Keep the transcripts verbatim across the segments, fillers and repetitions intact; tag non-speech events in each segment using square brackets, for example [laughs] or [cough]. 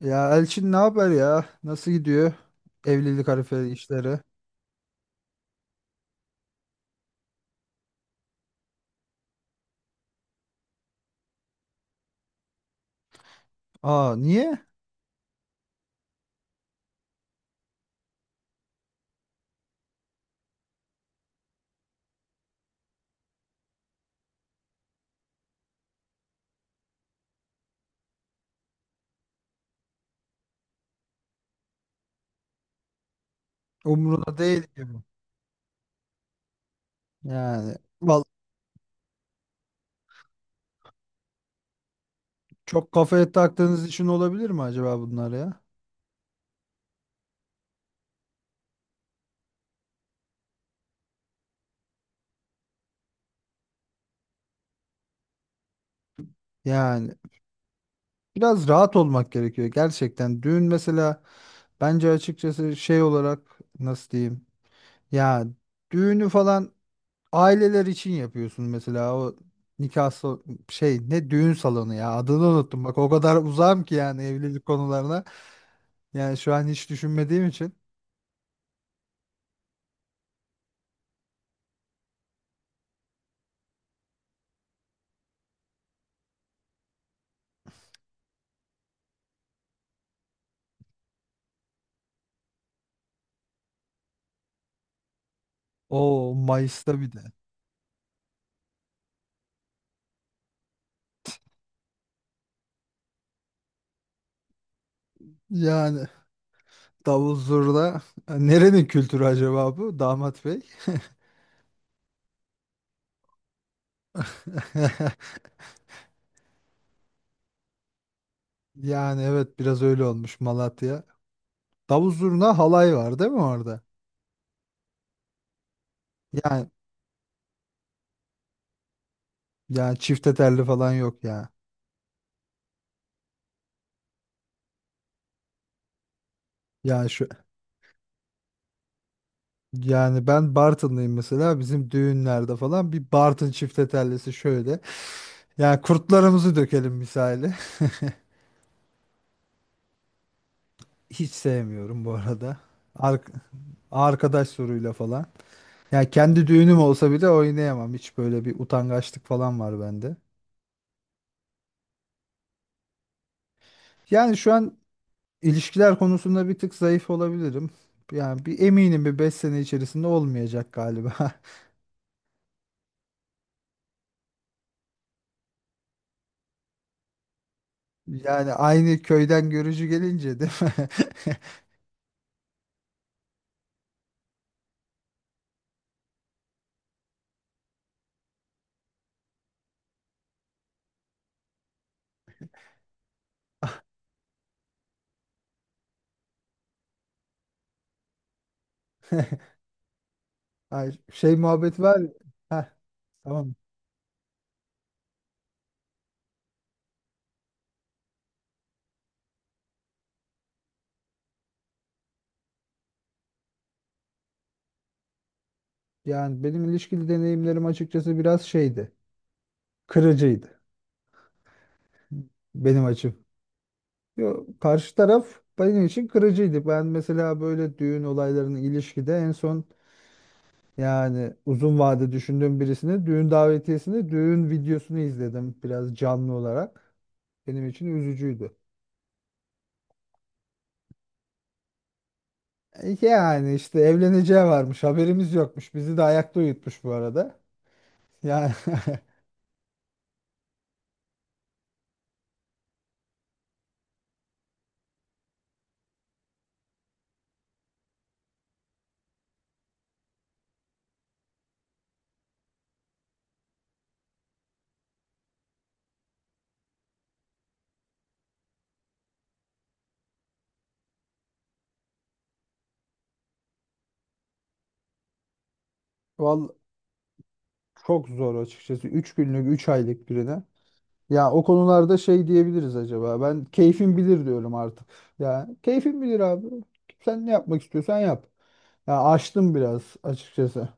Ya Elçin, ne haber ya? Nasıl gidiyor evlilik harfi işleri? Aa, niye? Umruna değil ki bu. Yani val çok kafaya taktığınız için olabilir mi acaba bunlar ya? Yani biraz rahat olmak gerekiyor gerçekten. Düğün mesela, bence açıkçası şey olarak nasıl diyeyim? Ya, düğünü falan aileler için yapıyorsun mesela. O nikah sal- şey, ne düğün salonu ya, adını unuttum, bak o kadar uzağım ki yani evlilik konularına. Yani şu an hiç düşünmediğim için. O Mayıs'ta bir de. Yani davul zurna nerenin kültürü acaba bu damat bey? [laughs] Yani evet, biraz öyle olmuş Malatya. Davul zurna halay var değil mi orada? Yani yani çifte telli falan yok ya. Yani şu, yani ben Bartınlıyım mesela, bizim düğünlerde falan bir Bartın çifte tellisi şöyle. Yani kurtlarımızı dökelim misali. [laughs] Hiç sevmiyorum bu arada. Ar- arkadaş soruyla falan. Yani kendi düğünüm olsa bile oynayamam. Hiç böyle bir utangaçlık falan var bende. Yani şu an ilişkiler konusunda bir tık zayıf olabilirim. Yani bir eminim, bir beş sene içerisinde olmayacak galiba. [laughs] Yani aynı köyden görücü gelince değil mi? [laughs] Ay, şey muhabbet var. Heh, tamam. Yani benim ilişkili deneyimlerim açıkçası biraz şeydi. Kırıcıydı benim açım. Yo, karşı taraf benim için kırıcıydı. Ben mesela böyle düğün olaylarının ilişkide en son, yani uzun vade düşündüğüm birisini, düğün davetiyesini, düğün videosunu izledim biraz canlı olarak. Benim için üzücüydü. E, Yani işte evleneceği varmış, haberimiz yokmuş. Bizi de ayakta uyutmuş bu arada. Yani [laughs] val çok zor açıkçası. Üç günlük, üç aylık birine. Ya o konularda şey diyebiliriz acaba. Ben keyfim bilir diyorum artık. Ya keyfim bilir abi. Sen ne yapmak istiyorsan yap. Ya açtım biraz açıkçası.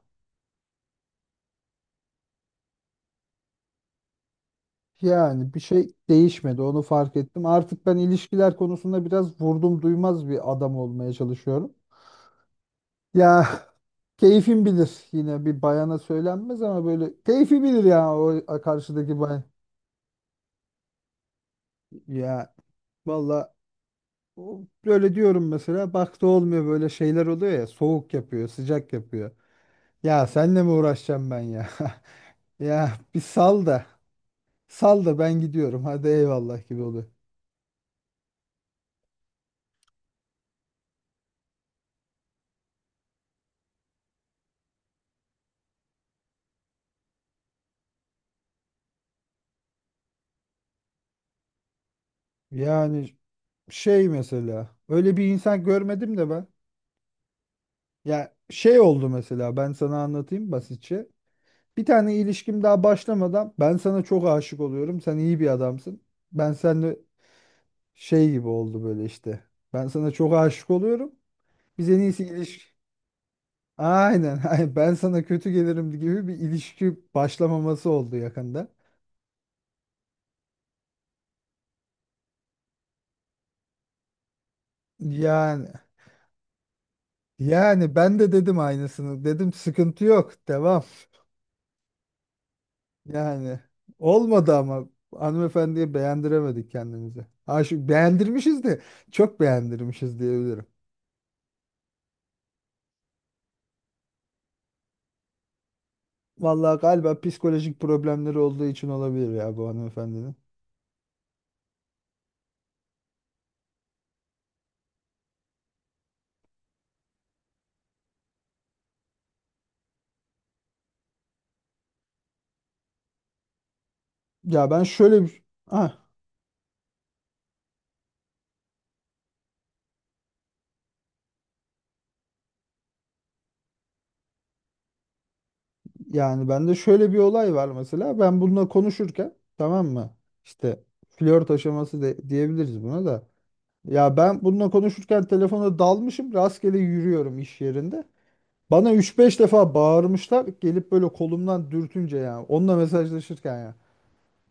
Yani bir şey değişmedi, onu fark ettim. Artık ben ilişkiler konusunda biraz vurdum duymaz bir adam olmaya çalışıyorum. Ya, [laughs] keyfim bilir yine, bir bayana söylenmez ama böyle keyfi bilir ya o karşıdaki bayan. Ya valla, o- böyle diyorum mesela, bak da olmuyor böyle şeyler oluyor ya, soğuk yapıyor, sıcak yapıyor. Ya senle mi uğraşacağım ben ya? [laughs] Ya bir sal da, sal da ben gidiyorum hadi, eyvallah gibi oluyor. Yani şey, mesela öyle bir insan görmedim de ben. Ya şey oldu mesela, ben sana anlatayım basitçe. Bir tane ilişkim daha başlamadan, ben sana çok aşık oluyorum, sen iyi bir adamsın. Ben seninle şey gibi oldu böyle işte. Ben sana çok aşık oluyorum. Biz en iyisi ilişki. Aynen. [laughs] Aynen. Ben sana kötü gelirim gibi bir ilişki başlamaması oldu yakında. Yani yani ben de dedim aynısını. Dedim sıkıntı yok, devam. Yani olmadı ama hanımefendiye beğendiremedik kendimizi. Aşık beğendirmişiz de çok beğendirmişiz diyebilirim. Vallahi galiba psikolojik problemleri olduğu için olabilir ya bu hanımefendinin. Ya ben şöyle bir ah yani Bende şöyle bir olay var mesela. Ben bununla konuşurken, tamam mı, İşte flört aşaması de, diyebiliriz buna da. Ya ben bununla konuşurken telefona dalmışım, rastgele yürüyorum iş yerinde. Bana üç beş defa bağırmışlar, gelip böyle kolumdan dürtünce ya, onunla mesajlaşırken ya.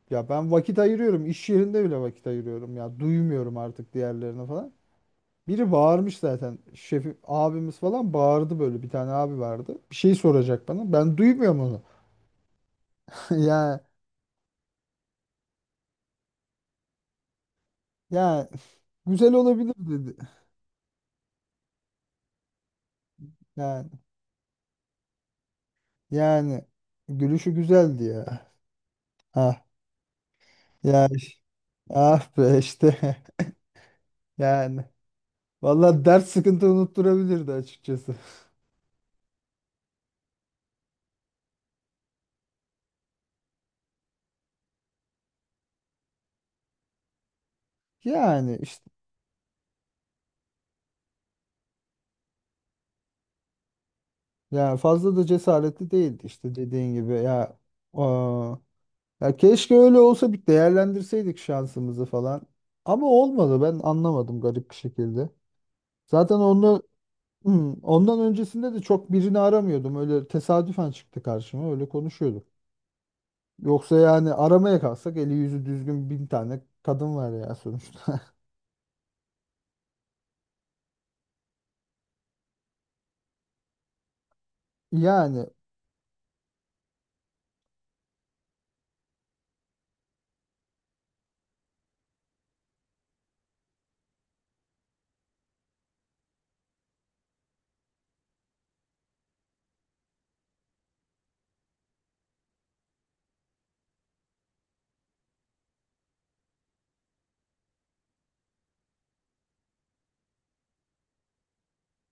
Ya ben vakit ayırıyorum, iş yerinde bile vakit ayırıyorum ya. Duymuyorum artık diğerlerini falan. Biri bağırmış zaten. Şefi abimiz falan bağırdı böyle. Bir tane abi vardı, bir şey soracak bana. Ben duymuyorum onu. [laughs] Ya ya güzel olabilir dedi. Yani yani gülüşü güzeldi ya. Ah ya işte- ah be işte [laughs] yani. Vallahi dert sıkıntı unutturabilirdi açıkçası. Yani işte, ya fazla da cesaretli değildi işte dediğin gibi ya, aa, ya keşke öyle olsa, bir değerlendirseydik şansımızı falan. Ama olmadı, ben anlamadım garip bir şekilde. Zaten ondan ondan öncesinde de çok birini aramıyordum. Öyle tesadüfen çıktı karşıma, öyle konuşuyorduk. Yoksa yani aramaya kalsak eli yüzü düzgün bin tane kadın var ya sonuçta. [laughs] Yani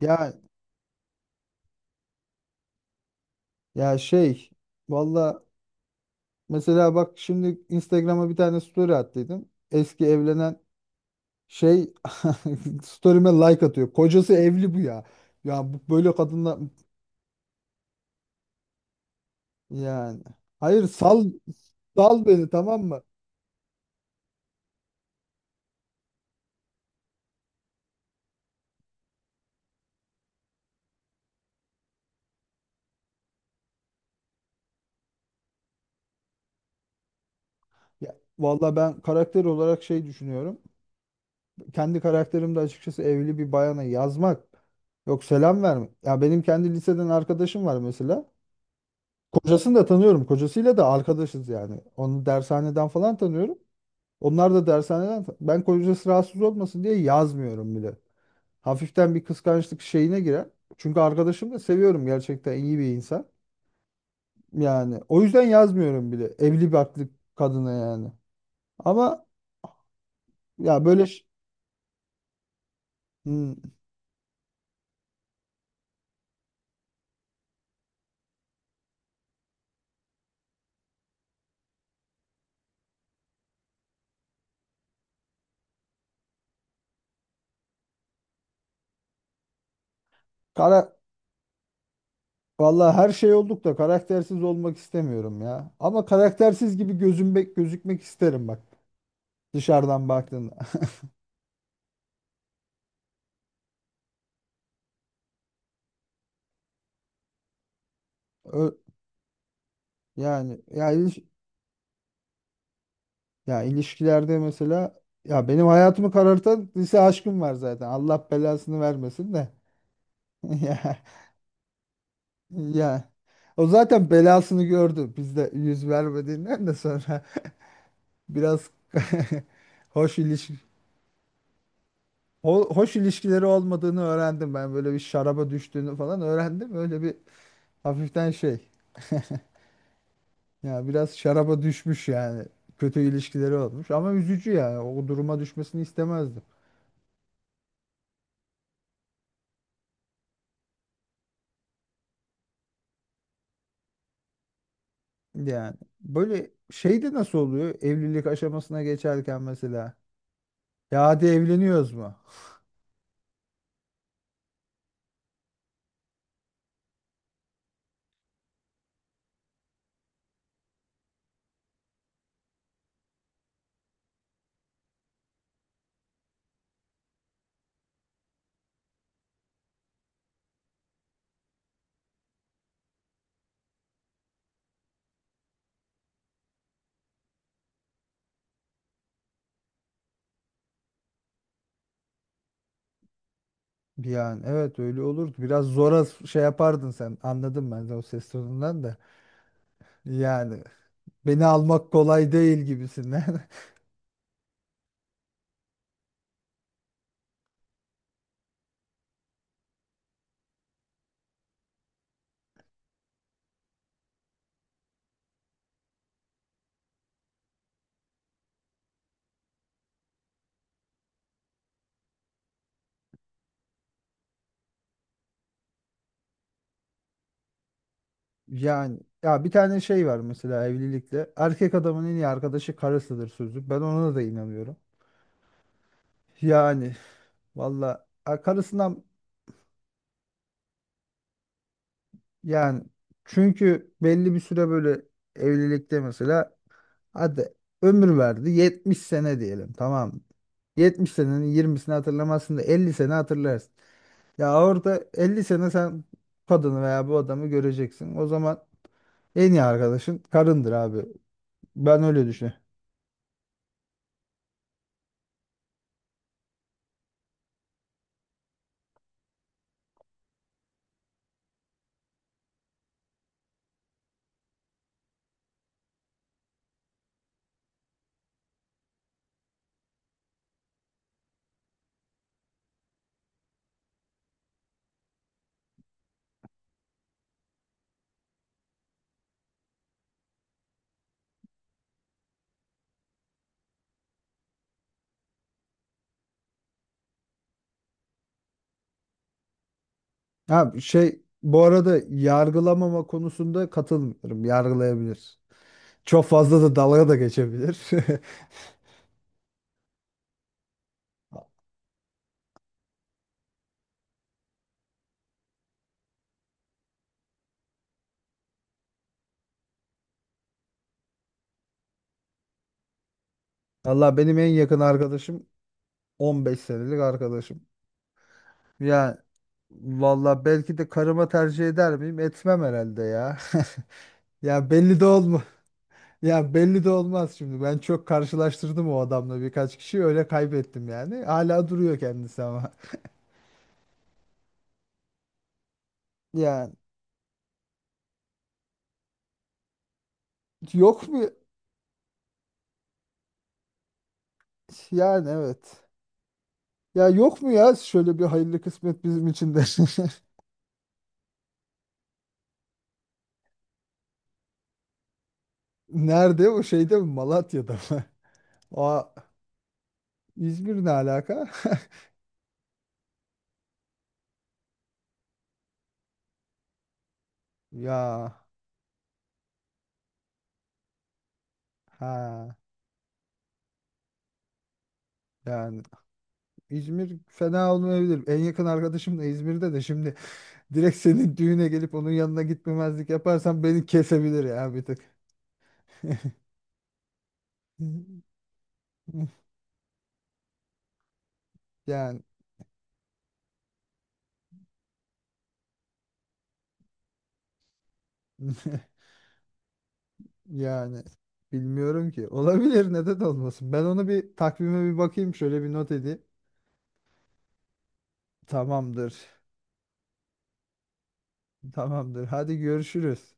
ya ya şey valla Mesela bak, şimdi Instagram'a bir tane story attıydım. Eski evlenen şey, [laughs] story'me like atıyor. Kocası evli bu ya. Ya bu- böyle kadınla yani. Hayır, sal sal beni, tamam mı? Ya, vallahi ben karakter olarak şey düşünüyorum. Kendi karakterimde açıkçası evli bir bayana yazmak, yok, selam verme. Ya benim kendi liseden arkadaşım var mesela, kocasını da tanıyorum, kocasıyla da arkadaşız yani. Onu dershaneden falan tanıyorum. Onlar da dershaneden, ben kocası rahatsız olmasın diye yazmıyorum bile. Hafiften bir kıskançlık şeyine girer. Çünkü arkadaşım, da seviyorum, gerçekten iyi bir insan. Yani o yüzden yazmıyorum bile evli barklı kadına yani. Ama ya böyle ş- hmm, kara vallahi her şey olduk da karaktersiz olmak istemiyorum ya. Ama karaktersiz gibi gözüm gözükmek isterim bak, dışarıdan baktığında. [laughs] Ö- yani yani Ya ilişkilerde mesela, ya benim hayatımı karartan lise aşkım var zaten. Allah belasını vermesin de. [laughs] Ya ya o zaten belasını gördü. Biz de yüz vermediğinden de sonra [laughs] biraz, [laughs] hoş ilişki ho- hoş ilişkileri olmadığını öğrendim ben. Böyle bir şaraba düştüğünü falan öğrendim. Öyle bir hafiften şey. Ya biraz şaraba düşmüş yani. Kötü ilişkileri olmuş, ama üzücü yani. O duruma düşmesini istemezdim. Yani böyle şey de nasıl oluyor evlilik aşamasına geçerken mesela, ya hadi evleniyoruz mu? Yani evet, öyle olurdu. Biraz zora şey yapardın sen. Anladım ben de o ses tonundan da. Yani beni almak kolay değil gibisinden. [laughs] Yani ya bir tane şey var mesela evlilikte. Erkek adamın en iyi arkadaşı karısıdır sözü. Ben ona da inanıyorum. Yani valla, a- karısından yani, çünkü belli bir süre böyle evlilikte mesela, hadi ömür verdi yetmiş sene diyelim, tamam mı? yetmiş senenin yirmisini hatırlamazsın da elli sene hatırlarsın. Ya orada elli sene sen kadını veya bu adamı göreceksin. O zaman en iyi arkadaşın karındır abi. Ben öyle düşünüyorum. Ha şey, bu arada yargılamama konusunda katılmıyorum, yargılayabilir. Çok fazla da dalga da geçebilir. [laughs] Allah, benim en yakın arkadaşım on beş senelik arkadaşım. Ya valla belki de karıma tercih eder miyim? Etmem herhalde ya. [laughs] Ya belli de olma. Ya belli de olmaz şimdi. Ben çok karşılaştırdım, o adamla birkaç kişi öyle kaybettim yani. Hala duruyor kendisi ama. [laughs] Yani yok mu? Yani evet. Ya yok mu ya şöyle bir hayırlı kısmet bizim için de. [laughs] Nerede? O şeyde mi? Malatya'da mı? [laughs] Aa, İzmir ne alaka? [laughs] Ya ha yani İzmir fena olmayabilir. En yakın arkadaşım da İzmir'de de şimdi. Direkt senin düğüne gelip onun yanına gitmemezlik yaparsan beni kesebilir ya bir tık. [laughs] Yani [laughs] yani bilmiyorum ki. Olabilir, neden olmasın? Ben onu bir takvime bir bakayım, şöyle bir not edeyim. Tamamdır. Tamamdır. Hadi görüşürüz.